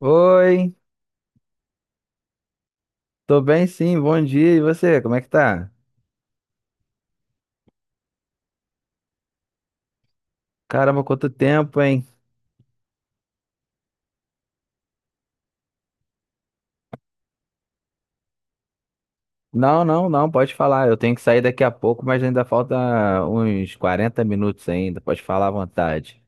Oi, tô bem sim, bom dia. E você, como é que tá? Caramba, quanto tempo, hein? Não, não, não, pode falar. Eu tenho que sair daqui a pouco, mas ainda falta uns 40 minutos ainda. Pode falar à vontade.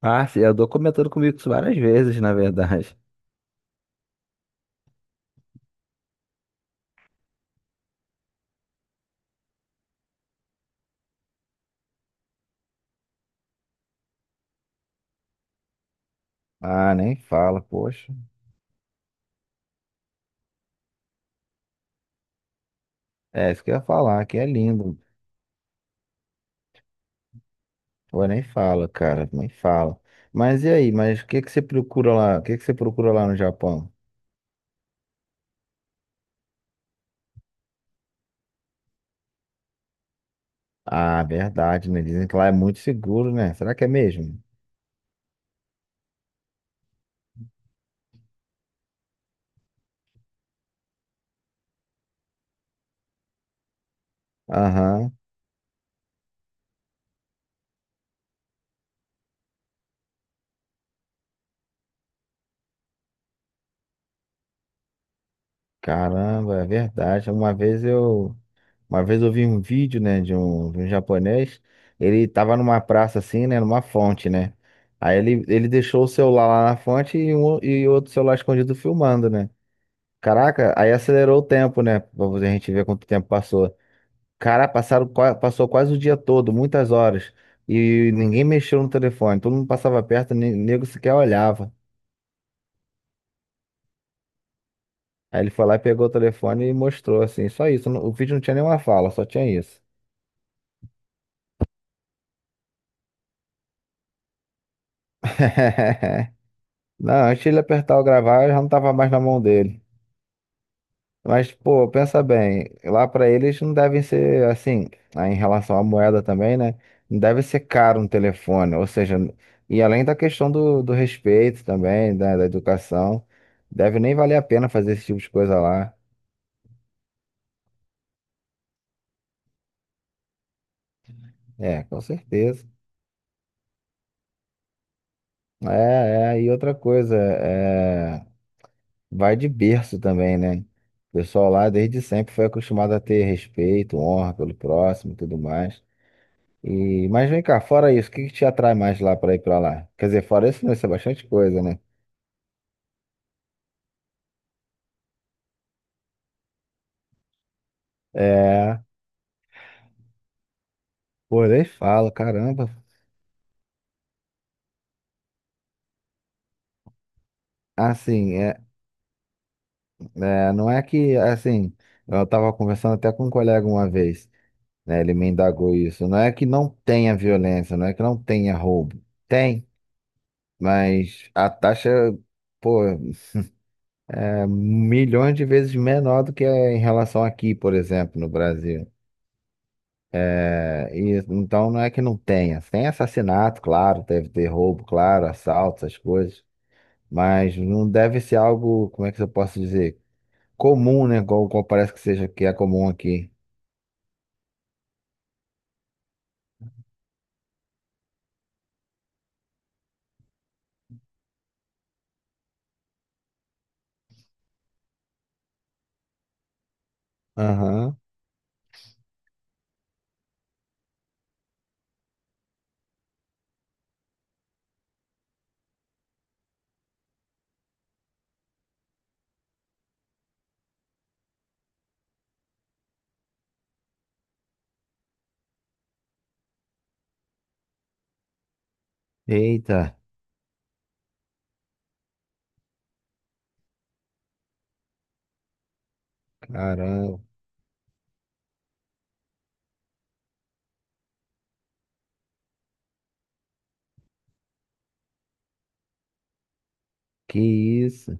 Ah, sim, eu tô comentando comigo isso várias vezes, na verdade. Ah, nem fala, poxa. É, isso que eu ia falar, que é lindo. Pô, nem fala, cara, nem fala. Mas e aí, mas o que que você procura lá? O que que você procura lá no Japão? Ah, verdade, né? Dizem que lá é muito seguro, né? Será que é mesmo? Aham. Caramba, é verdade. Uma vez eu vi um vídeo, né, de um japonês. Ele tava numa praça assim, né, numa fonte, né? Aí ele deixou o celular lá na fonte e outro celular escondido filmando, né? Caraca, aí acelerou o tempo, né? Pra a gente ver quanto tempo passou. Cara, passaram, passou quase o dia todo, muitas horas. E ninguém mexeu no telefone. Todo mundo passava perto, nego sequer olhava. Aí ele foi lá e pegou o telefone e mostrou assim, só isso. O vídeo não tinha nenhuma fala, só tinha isso. Não, antes de ele apertar o gravar, eu já não tava mais na mão dele. Mas, pô, pensa bem, lá pra eles não devem ser assim, aí em relação à moeda também, né? Não deve ser caro um telefone, ou seja, e além da questão do respeito também, da educação, deve nem valer a pena fazer esse tipo de coisa lá. É, com certeza. É, é, e outra coisa, é, vai de berço também, né? O pessoal lá desde sempre foi acostumado a ter respeito, honra pelo próximo e tudo mais. E, mas vem cá, fora isso, o que que te atrai mais lá para ir para lá? Quer dizer, fora isso, não, isso é bastante coisa, né? É, pô, nem falo, caramba. Assim, é, é, não é que, assim, eu tava conversando até com um colega uma vez, né? Ele me indagou isso. Não é que não tenha violência, não é que não tenha roubo. Tem, mas a taxa, pô, milhões de vezes menor do que em relação aqui, por exemplo, no Brasil. É, e, então não é que não tenha. Tem assassinato, claro, deve ter roubo, claro, assalto, essas coisas. Mas não deve ser algo, como é que eu posso dizer? Comum, né? Igual parece que seja que é comum aqui. Aham. Eita, caramba, que isso?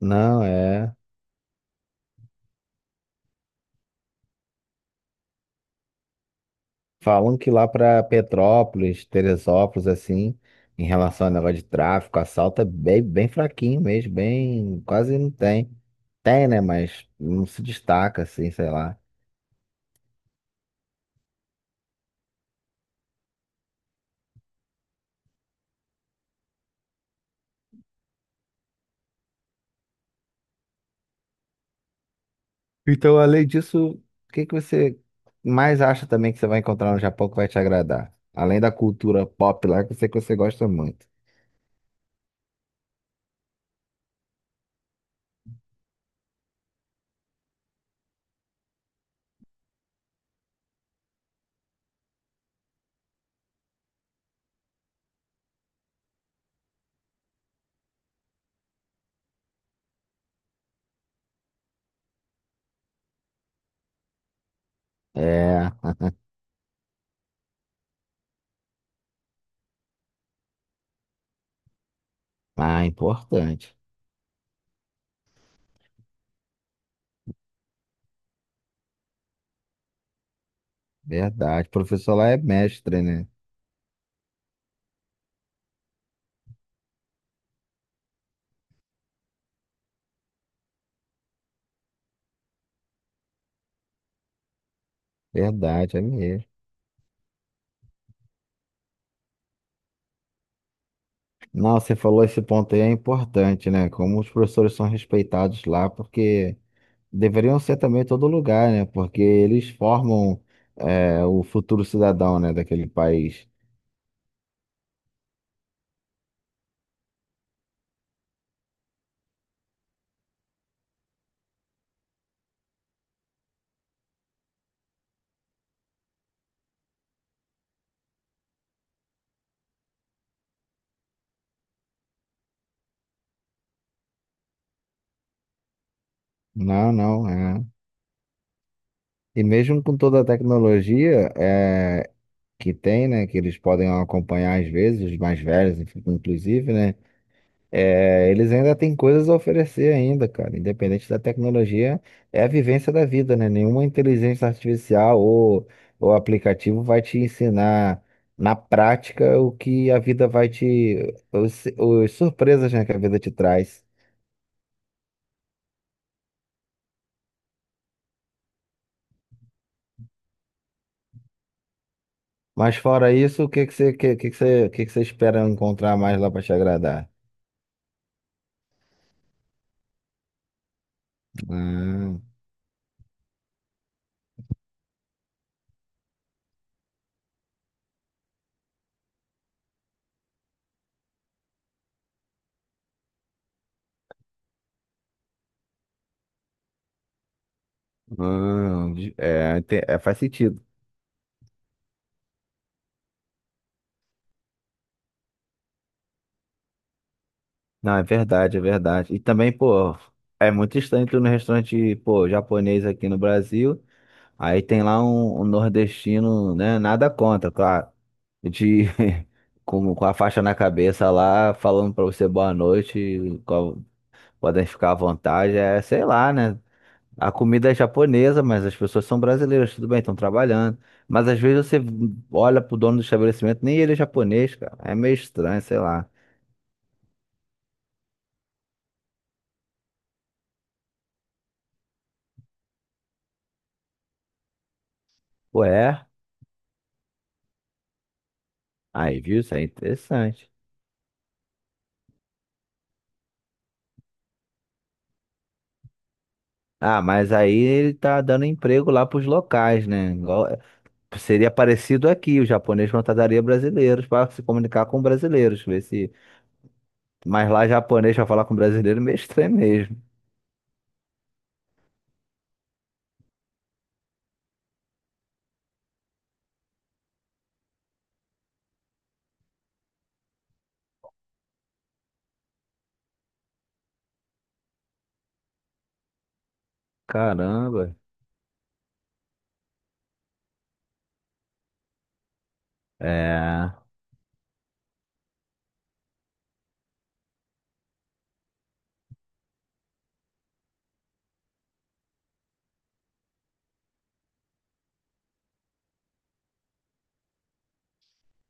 Não, é. Falam que lá para Petrópolis, Teresópolis, assim, em relação ao negócio de tráfico, assalto é bem, bem fraquinho mesmo, bem, quase não tem. Tem, né? Mas não se destaca, assim, sei lá. Então, além disso, o que que você mais acha também que você vai encontrar no Japão que vai te agradar? Além da cultura pop lá, que eu sei que você gosta muito. É, ah, importante. Verdade. O professor lá é mestre, né? Verdade, é mesmo. Não, você falou esse ponto aí é importante, né? Como os professores são respeitados lá, porque deveriam ser também em todo lugar, né? Porque eles formam é, o futuro cidadão, né, daquele país. Não, não, é. E mesmo com toda a tecnologia é, que tem, né, que eles podem acompanhar às vezes, os mais velhos, inclusive, né? É, eles ainda têm coisas a oferecer ainda, cara. Independente da tecnologia, é a vivência da vida, né? Nenhuma inteligência artificial ou aplicativo vai te ensinar na prática o que a vida vai te, os surpresas, né, que a vida te traz. Mas fora isso, o que que você espera encontrar mais lá para te agradar? Hum, é, faz sentido. Não, é verdade, é verdade. E também, pô, é muito estranho tu ir no restaurante, pô, japonês aqui no Brasil, aí tem lá um, nordestino, né, nada contra, claro, de, com a faixa na cabeça lá, falando pra você boa noite, podem ficar à vontade, é, sei lá, né, a comida é japonesa, mas as pessoas são brasileiras, tudo bem, estão trabalhando, mas às vezes você olha pro dono do estabelecimento, nem ele é japonês, cara, é meio estranho, sei lá. Ué. Aí, viu? Isso é interessante. Ah, mas aí ele tá dando emprego lá pros locais, né? Seria parecido aqui, o japonês contrataria brasileiros para se comunicar com brasileiros, ver se. Mas lá japonês pra falar com brasileiro é meio estranho mesmo. Caramba. É.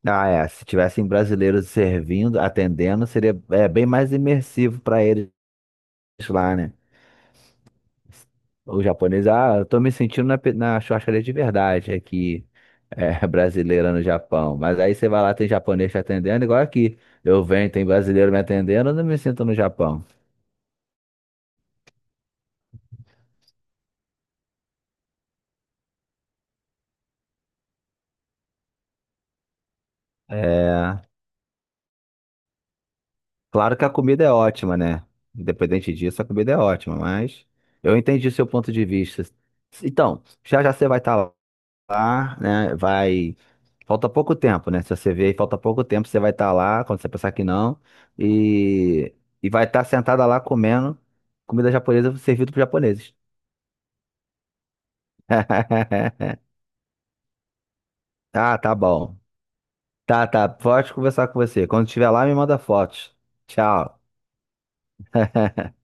Ah, é. Se tivessem brasileiros servindo, atendendo, seria bem mais imersivo para eles lá, né? O japonês, ah, eu tô me sentindo na, na churrascaria de verdade aqui, brasileira no Japão. Mas aí você vai lá, tem japonês te atendendo, igual aqui. Eu venho, tem brasileiro me atendendo, eu não me sinto no Japão. É, claro que a comida é ótima, né? Independente disso, a comida é ótima, mas eu entendi o seu ponto de vista. Então, já já você vai estar lá, né? Vai. Falta pouco tempo, né? Se você vê aí, falta pouco tempo, você vai estar lá, quando você pensar que não, e, e vai estar sentada lá comendo comida japonesa servida para japoneses. Ah, tá bom. Tá, tá. Pode conversar com você. Quando estiver lá, me manda fotos. Tchau.